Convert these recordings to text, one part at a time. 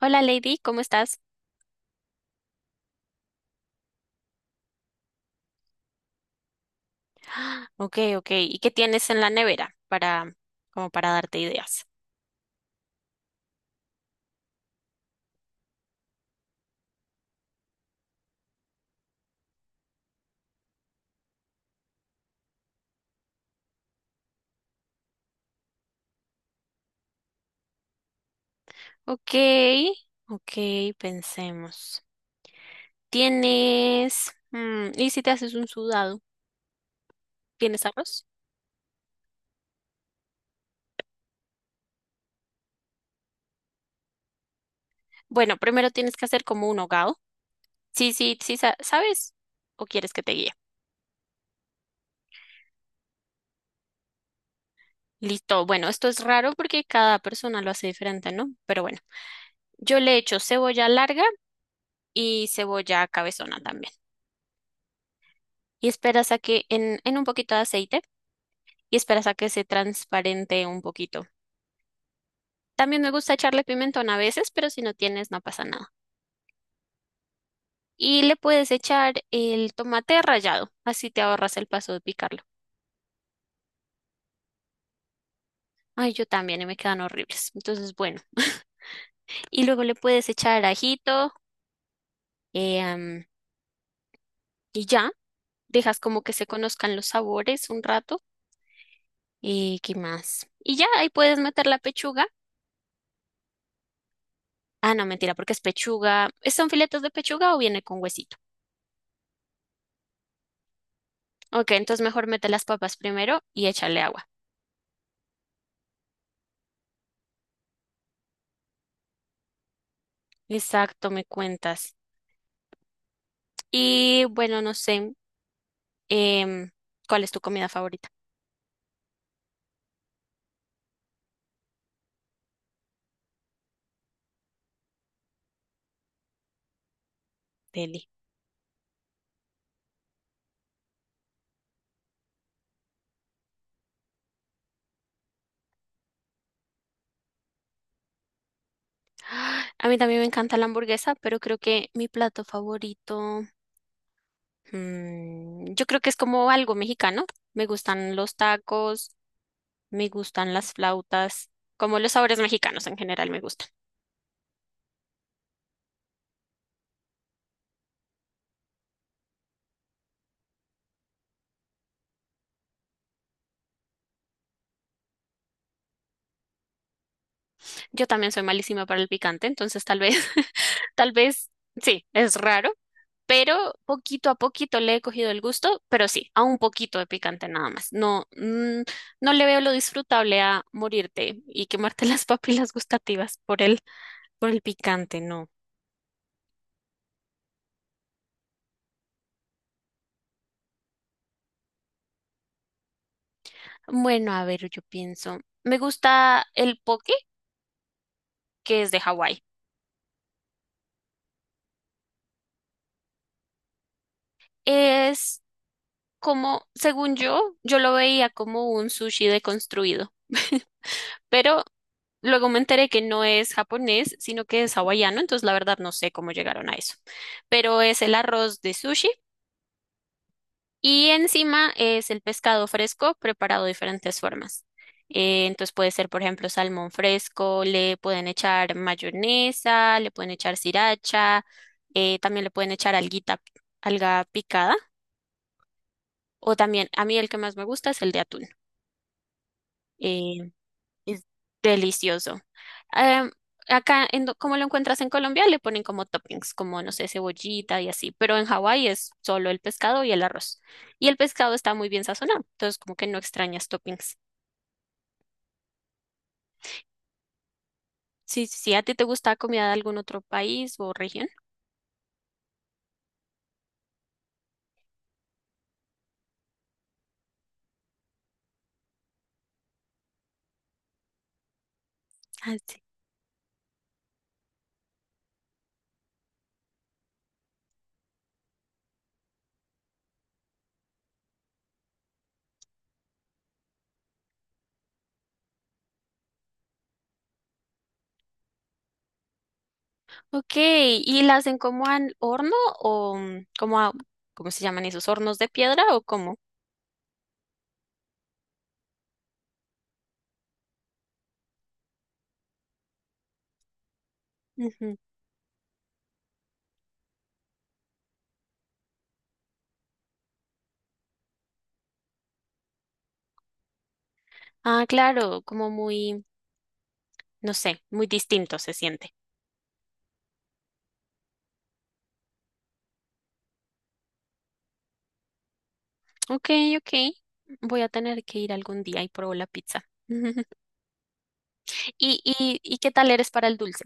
Hola Lady, ¿cómo estás? Ok, ok. ¿Y qué tienes en la nevera para, como para darte ideas? Ok, ok, pensemos. ¿Tienes, y si te haces un sudado? ¿Tienes arroz? Bueno, primero tienes que hacer como un hogao. Sí, sí, sí, ¿sabes? ¿O quieres que te guíe? Listo. Bueno, esto es raro porque cada persona lo hace diferente, ¿no? Pero bueno, yo le echo cebolla larga y cebolla cabezona también. Y esperas a que en un poquito de aceite. Y esperas a que se transparente un poquito. También me gusta echarle pimentón a veces, pero si no tienes, no pasa nada. Y le puedes echar el tomate rallado, así te ahorras el paso de picarlo. Ay, yo también, y me quedan horribles. Entonces, bueno. Y luego le puedes echar ajito, eh, am, y ya, dejas como que se conozcan los sabores un rato. ¿Y qué más? Y ya, ahí puedes meter la pechuga. Ah, no, mentira, porque es pechuga. ¿Son filetes de pechuga o viene con huesito? Ok, entonces mejor mete las papas primero y échale agua. Exacto, me cuentas. Y bueno, no sé, em, ¿cuál es tu comida favorita, Deli? A mí también me encanta la hamburguesa, pero creo que mi plato favorito, yo creo que es como algo mexicano. Me gustan los tacos, me gustan las flautas, como los sabores mexicanos en general me gustan. Yo también soy malísima para el picante, entonces tal vez, tal vez, sí, es raro, pero poquito a poquito le he cogido el gusto, pero sí, a un poquito de picante nada más. No, no le veo lo disfrutable a morirte y quemarte las papilas gustativas por el picante, no. Bueno, a ver, yo pienso. Me gusta el poke, que es de Hawái. Es como, según yo, yo lo veía como un sushi deconstruido. Pero luego me enteré que no es japonés, sino que es hawaiano, entonces la verdad no sé cómo llegaron a eso. Pero es el arroz de sushi y encima es el pescado fresco preparado de diferentes formas. Entonces puede ser, por ejemplo, salmón fresco, le pueden echar mayonesa, le pueden echar sriracha, también le pueden echar alguita, alga picada, o también, a mí el que más me gusta es el de atún. eh, Es delicioso. Em, Acá, como lo encuentras en Colombia, le ponen como toppings, como, no sé, cebollita y así, pero en Hawái es solo el pescado y el arroz. Y el pescado está muy bien sazonado, entonces como que no extrañas toppings. Sí, sí, sí, ¿a ti te gusta comida de algún otro país o región? Ah, sí. Ok, ¿y la hacen como al horno o como a, ¿cómo se llaman esos hornos de piedra o cómo? Ujú. Ah, claro, como muy, no sé, muy distinto se siente. Ok, ok. Voy a tener que ir algún día y probar la pizza. ¿Y, y qué tal eres para el dulce?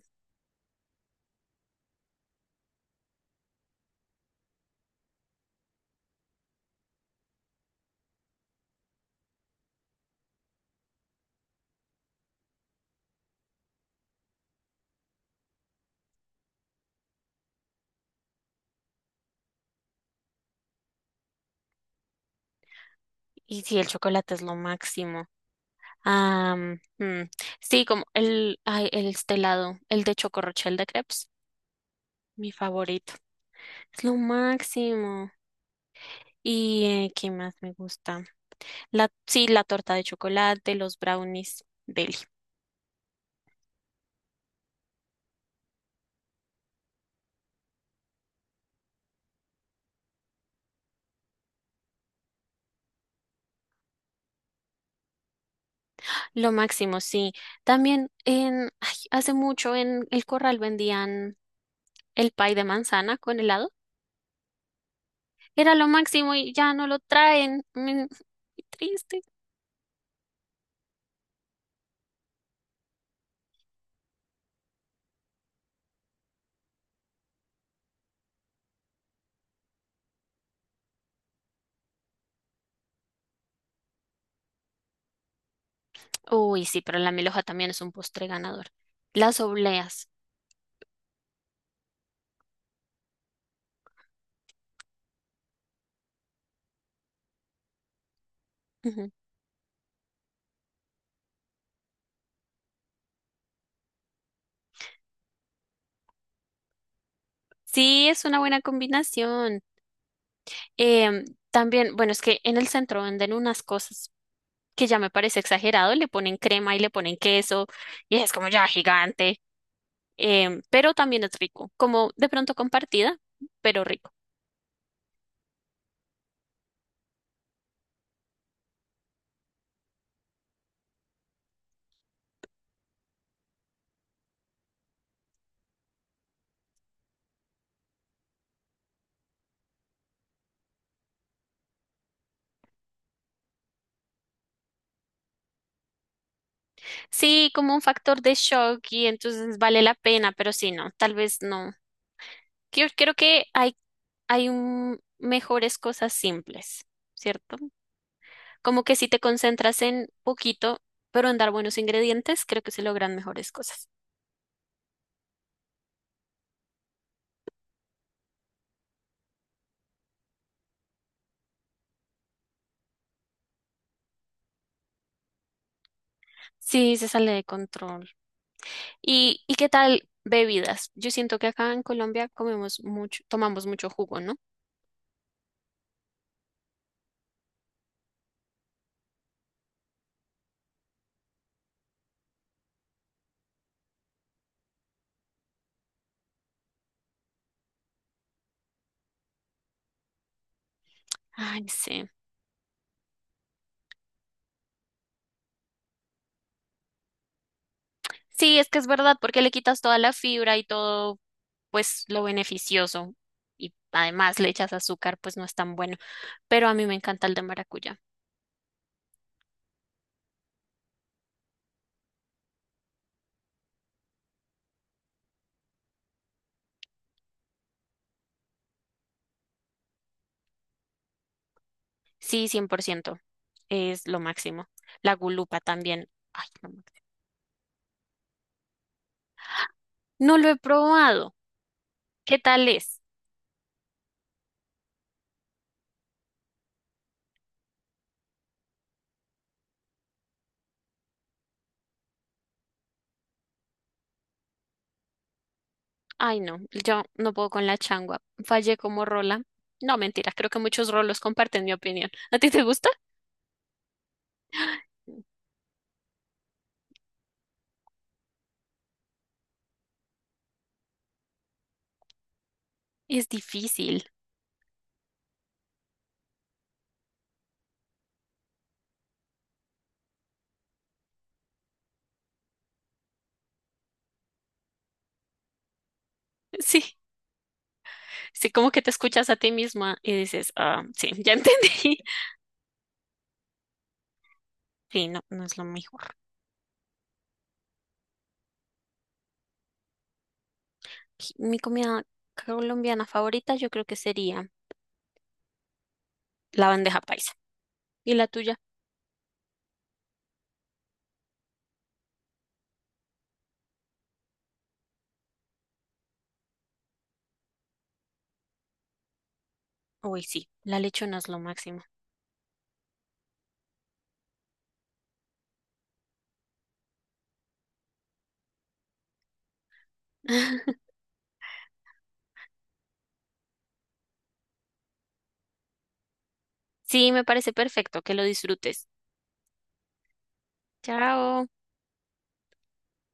Y sí, el chocolate es lo máximo. Ah, mm, sí, como el, ay, el este helado, el de chocorrochel de crepes, mi favorito. Es lo máximo. ¿Y qué más me gusta? La, sí, la torta de chocolate, los brownies. Deli. Lo máximo, sí. También en, ay, hace mucho en el Corral vendían el pie de manzana con helado. Era lo máximo y ya no lo traen. Qué triste. Uy, sí, pero la milhoja también es un postre ganador. Las obleas. Ujú. Sí, es una buena combinación. Em, También, bueno, es que en el centro venden unas cosas que ya me parece exagerado. Le ponen crema y le ponen queso y es como ya gigante. Pero también es rico, como de pronto compartida, pero rico. Sí, como un factor de shock y entonces vale la pena, pero sí, no, tal vez no. Yo creo que mejores cosas simples, ¿cierto? Como que si te concentras en poquito, pero en dar buenos ingredientes, creo que se logran mejores cosas. Sí, se sale de control. y, qué tal bebidas? Yo siento que acá en Colombia comemos mucho, tomamos mucho jugo, ¿no? Ay, sí. Sí, es que es verdad, porque le quitas toda la fibra y todo, pues lo beneficioso. Y además le echas azúcar, pues no es tan bueno. Pero a mí me encanta el de maracuyá. Sí, cien por ciento. Es lo máximo. La gulupa también. Ay, no, no lo he probado. ¿Qué tal es? Ay, no, yo no puedo con la changua. Fallé como rola. No, mentira, creo que muchos rolos comparten mi opinión. ¿A ti te gusta? Es difícil. Sí, sí, como que te escuchas a ti misma y dices, ah, sí, ya entendí. Sí, no, no es lo mejor. Sí, mi comida colombiana favorita yo creo que sería la bandeja paisa. ¿Y la tuya? Uy, sí, la lechona es lo máximo. Sí, me parece perfecto que lo disfrutes. Chao.